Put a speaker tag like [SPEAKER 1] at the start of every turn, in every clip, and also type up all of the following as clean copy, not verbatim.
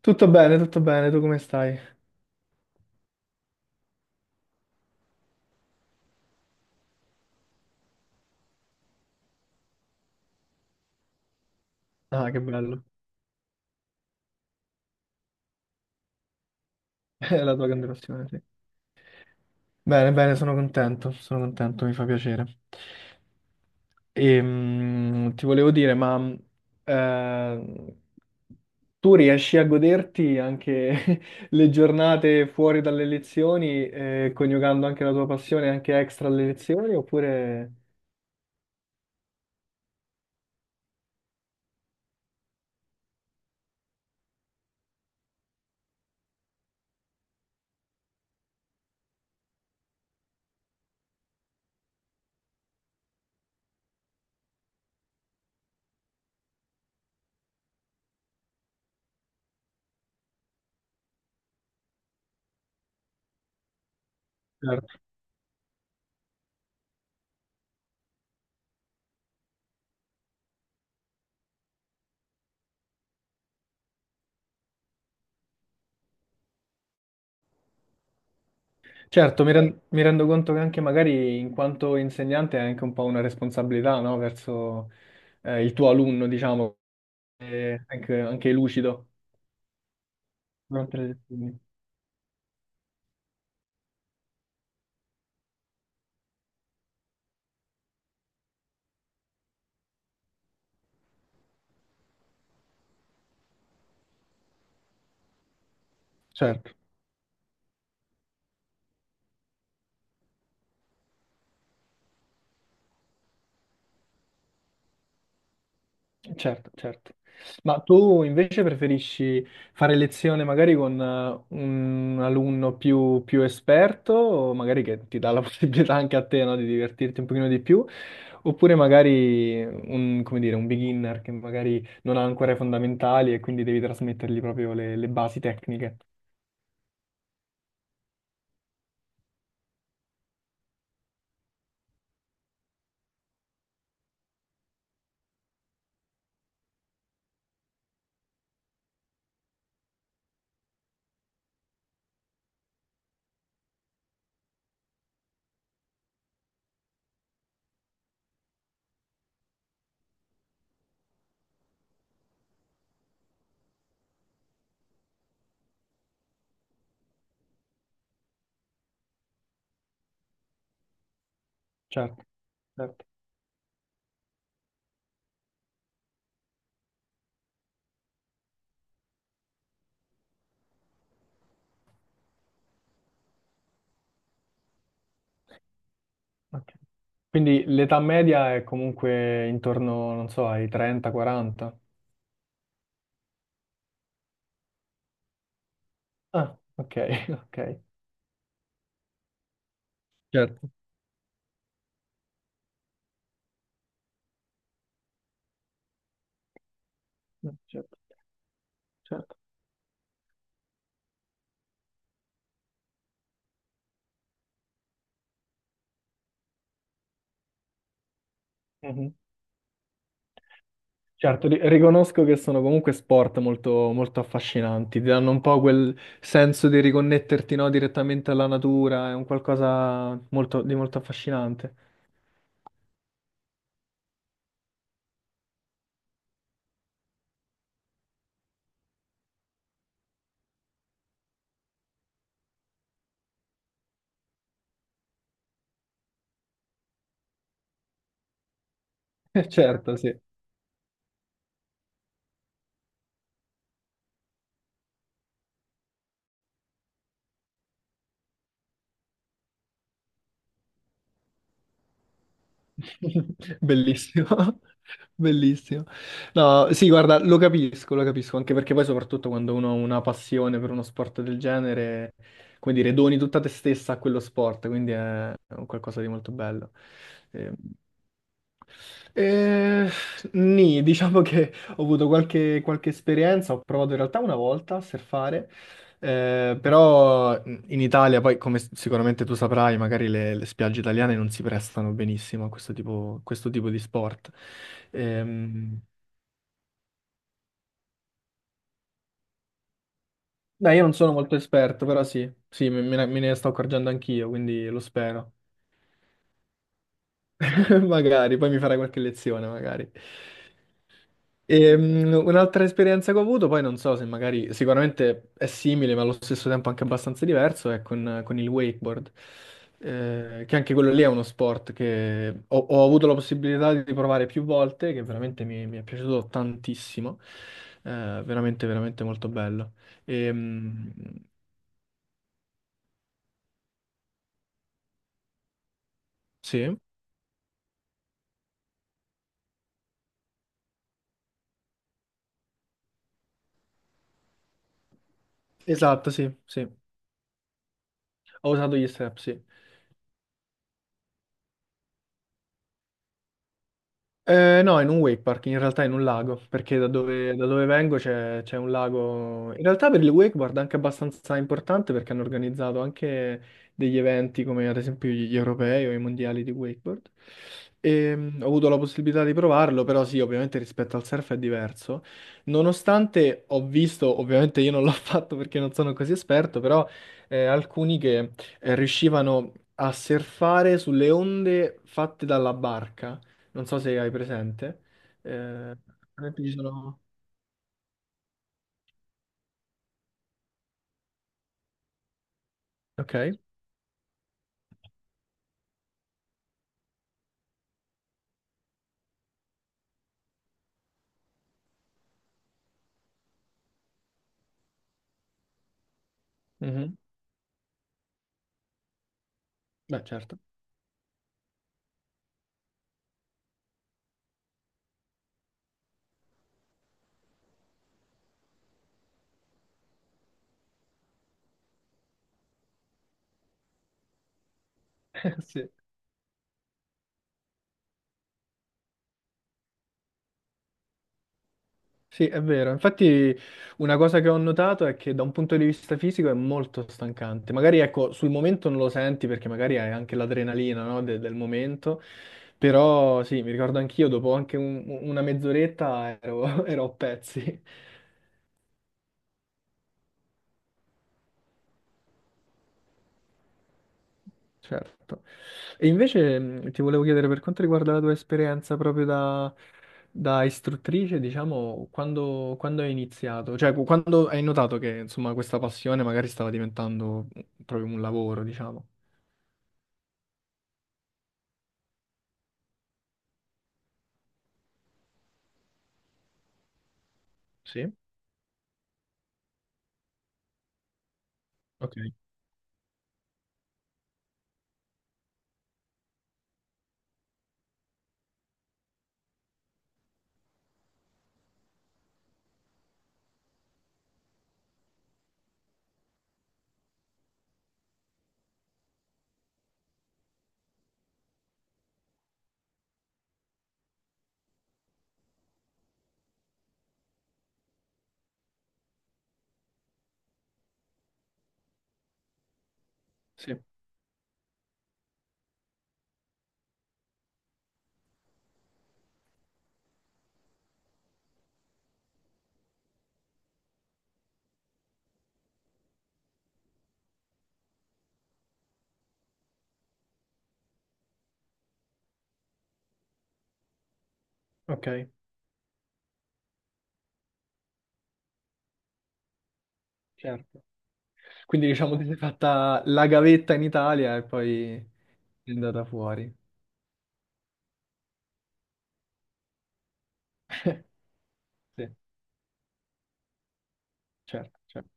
[SPEAKER 1] Tutto bene, tu come stai? Ah, che bello. È la tua grande passione, sì. Bene, bene, sono contento, mi fa piacere. E, ti volevo dire, ma eh, tu riesci a goderti anche le giornate fuori dalle lezioni, coniugando anche la tua passione anche extra alle lezioni, oppure. Certo, mi rendo conto che anche magari in quanto insegnante hai anche un po' una responsabilità, no? Verso il tuo alunno, diciamo, e anche lucido durante le lezioni. Certo. Certo, certo. Ma tu invece preferisci fare lezione magari con un alunno più esperto, o magari che ti dà la possibilità anche a te, no, di divertirti un pochino di più, oppure magari un, come dire, un beginner che magari non ha ancora i fondamentali e quindi devi trasmettergli proprio le basi tecniche. Certo, certo. Ok. Quindi l'età media è comunque intorno, non so, ai 30-40. Ah, ok, ok. Certo. Certo. Certo. Mhm. Certo, riconosco che sono comunque sport molto, molto affascinanti, ti danno un po' quel senso di riconnetterti, no, direttamente alla natura, è un qualcosa di molto affascinante. Certo, sì. Bellissimo, bellissimo. No, sì, guarda, lo capisco, anche perché poi soprattutto quando uno ha una passione per uno sport del genere, come dire, doni tutta te stessa a quello sport, quindi è un qualcosa di molto bello. Eh, eh, Nì, diciamo che ho avuto qualche esperienza, ho provato in realtà una volta a surfare, però in Italia, poi come sicuramente tu saprai, magari le spiagge italiane non si prestano benissimo a questo tipo di sport. Ehm, Beh, io non sono molto esperto, però sì, sì, me ne sto accorgendo anch'io, quindi lo spero. Magari, poi mi farai qualche lezione, magari. Un'altra esperienza che ho avuto, poi non so se magari sicuramente è simile, ma allo stesso tempo anche abbastanza diverso, è con il wakeboard. Che anche quello lì è uno sport che ho avuto la possibilità di provare più volte, che veramente mi è piaciuto tantissimo. Veramente, veramente molto bello. Ehm, sì, esatto, sì, sì, ho usato gli strap, sì. No, in un wake park, in realtà in un lago, perché da dove vengo c'è un lago. In realtà per il wakeboard è anche abbastanza importante perché hanno organizzato anche degli eventi come ad esempio gli europei o i mondiali di wakeboard. E, ho avuto la possibilità di provarlo, però sì, ovviamente rispetto al surf è diverso. Nonostante ho visto, ovviamente io non l'ho fatto perché non sono così esperto, però alcuni che riuscivano a surfare sulle onde fatte dalla barca, non so se hai presente. Eh, Ad esempio ci sono. Ok, mhm. Beh, certo. Sì. Sì, è vero. Infatti una cosa che ho notato è che da un punto di vista fisico è molto stancante. Magari ecco, sul momento non lo senti perché magari hai anche l'adrenalina, no, del momento, però sì, mi ricordo anch'io, dopo anche una mezz'oretta ero, ero a pezzi. Certo. E invece ti volevo chiedere per quanto riguarda la tua esperienza proprio da, istruttrice, diciamo, quando hai iniziato? Cioè, quando hai notato che, insomma, questa passione magari stava diventando proprio un lavoro, diciamo. Sì, ok, sì, ok, certo. Quindi, diciamo, ti sei fatta la gavetta in Italia e poi è andata fuori. Sì, certo, certo,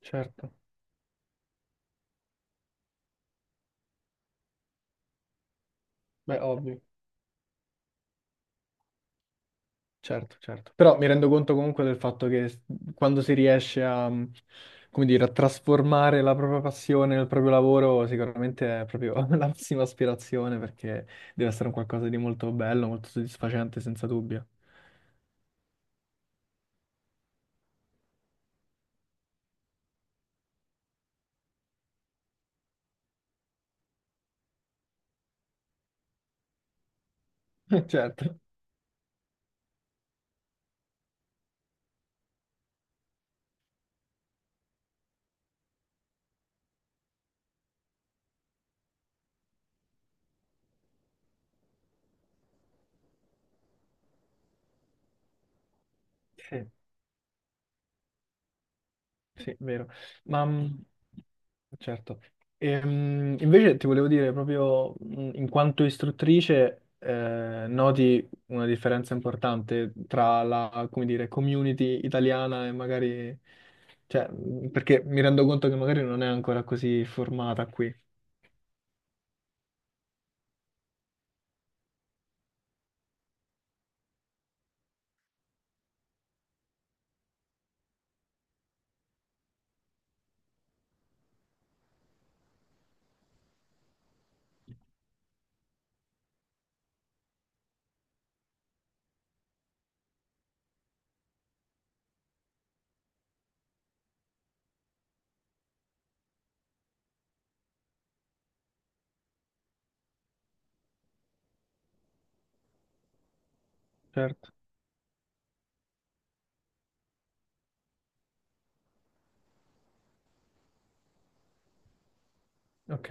[SPEAKER 1] certo. Beh, ovvio. Certo, certo. Però mi rendo conto comunque del fatto che quando si riesce a, come dire, a trasformare la propria passione nel proprio lavoro, sicuramente è proprio la massima aspirazione perché deve essere un qualcosa di molto bello, molto soddisfacente, senza dubbio. Certo. Sì, vero. Ma certo. Invece ti volevo dire proprio in quanto istruttrice, noti una differenza importante tra la, come dire, community italiana e magari, cioè, perché mi rendo conto che magari non è ancora così formata qui. Certo. Ok.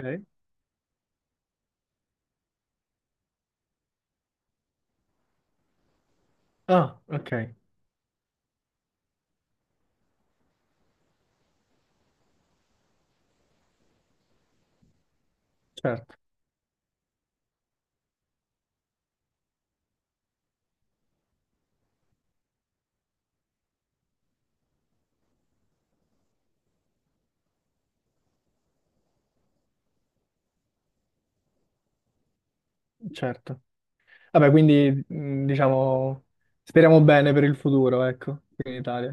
[SPEAKER 1] Ah, ok. Certo, certo. Vabbè, quindi diciamo speriamo bene per il futuro, ecco, qui in Italia.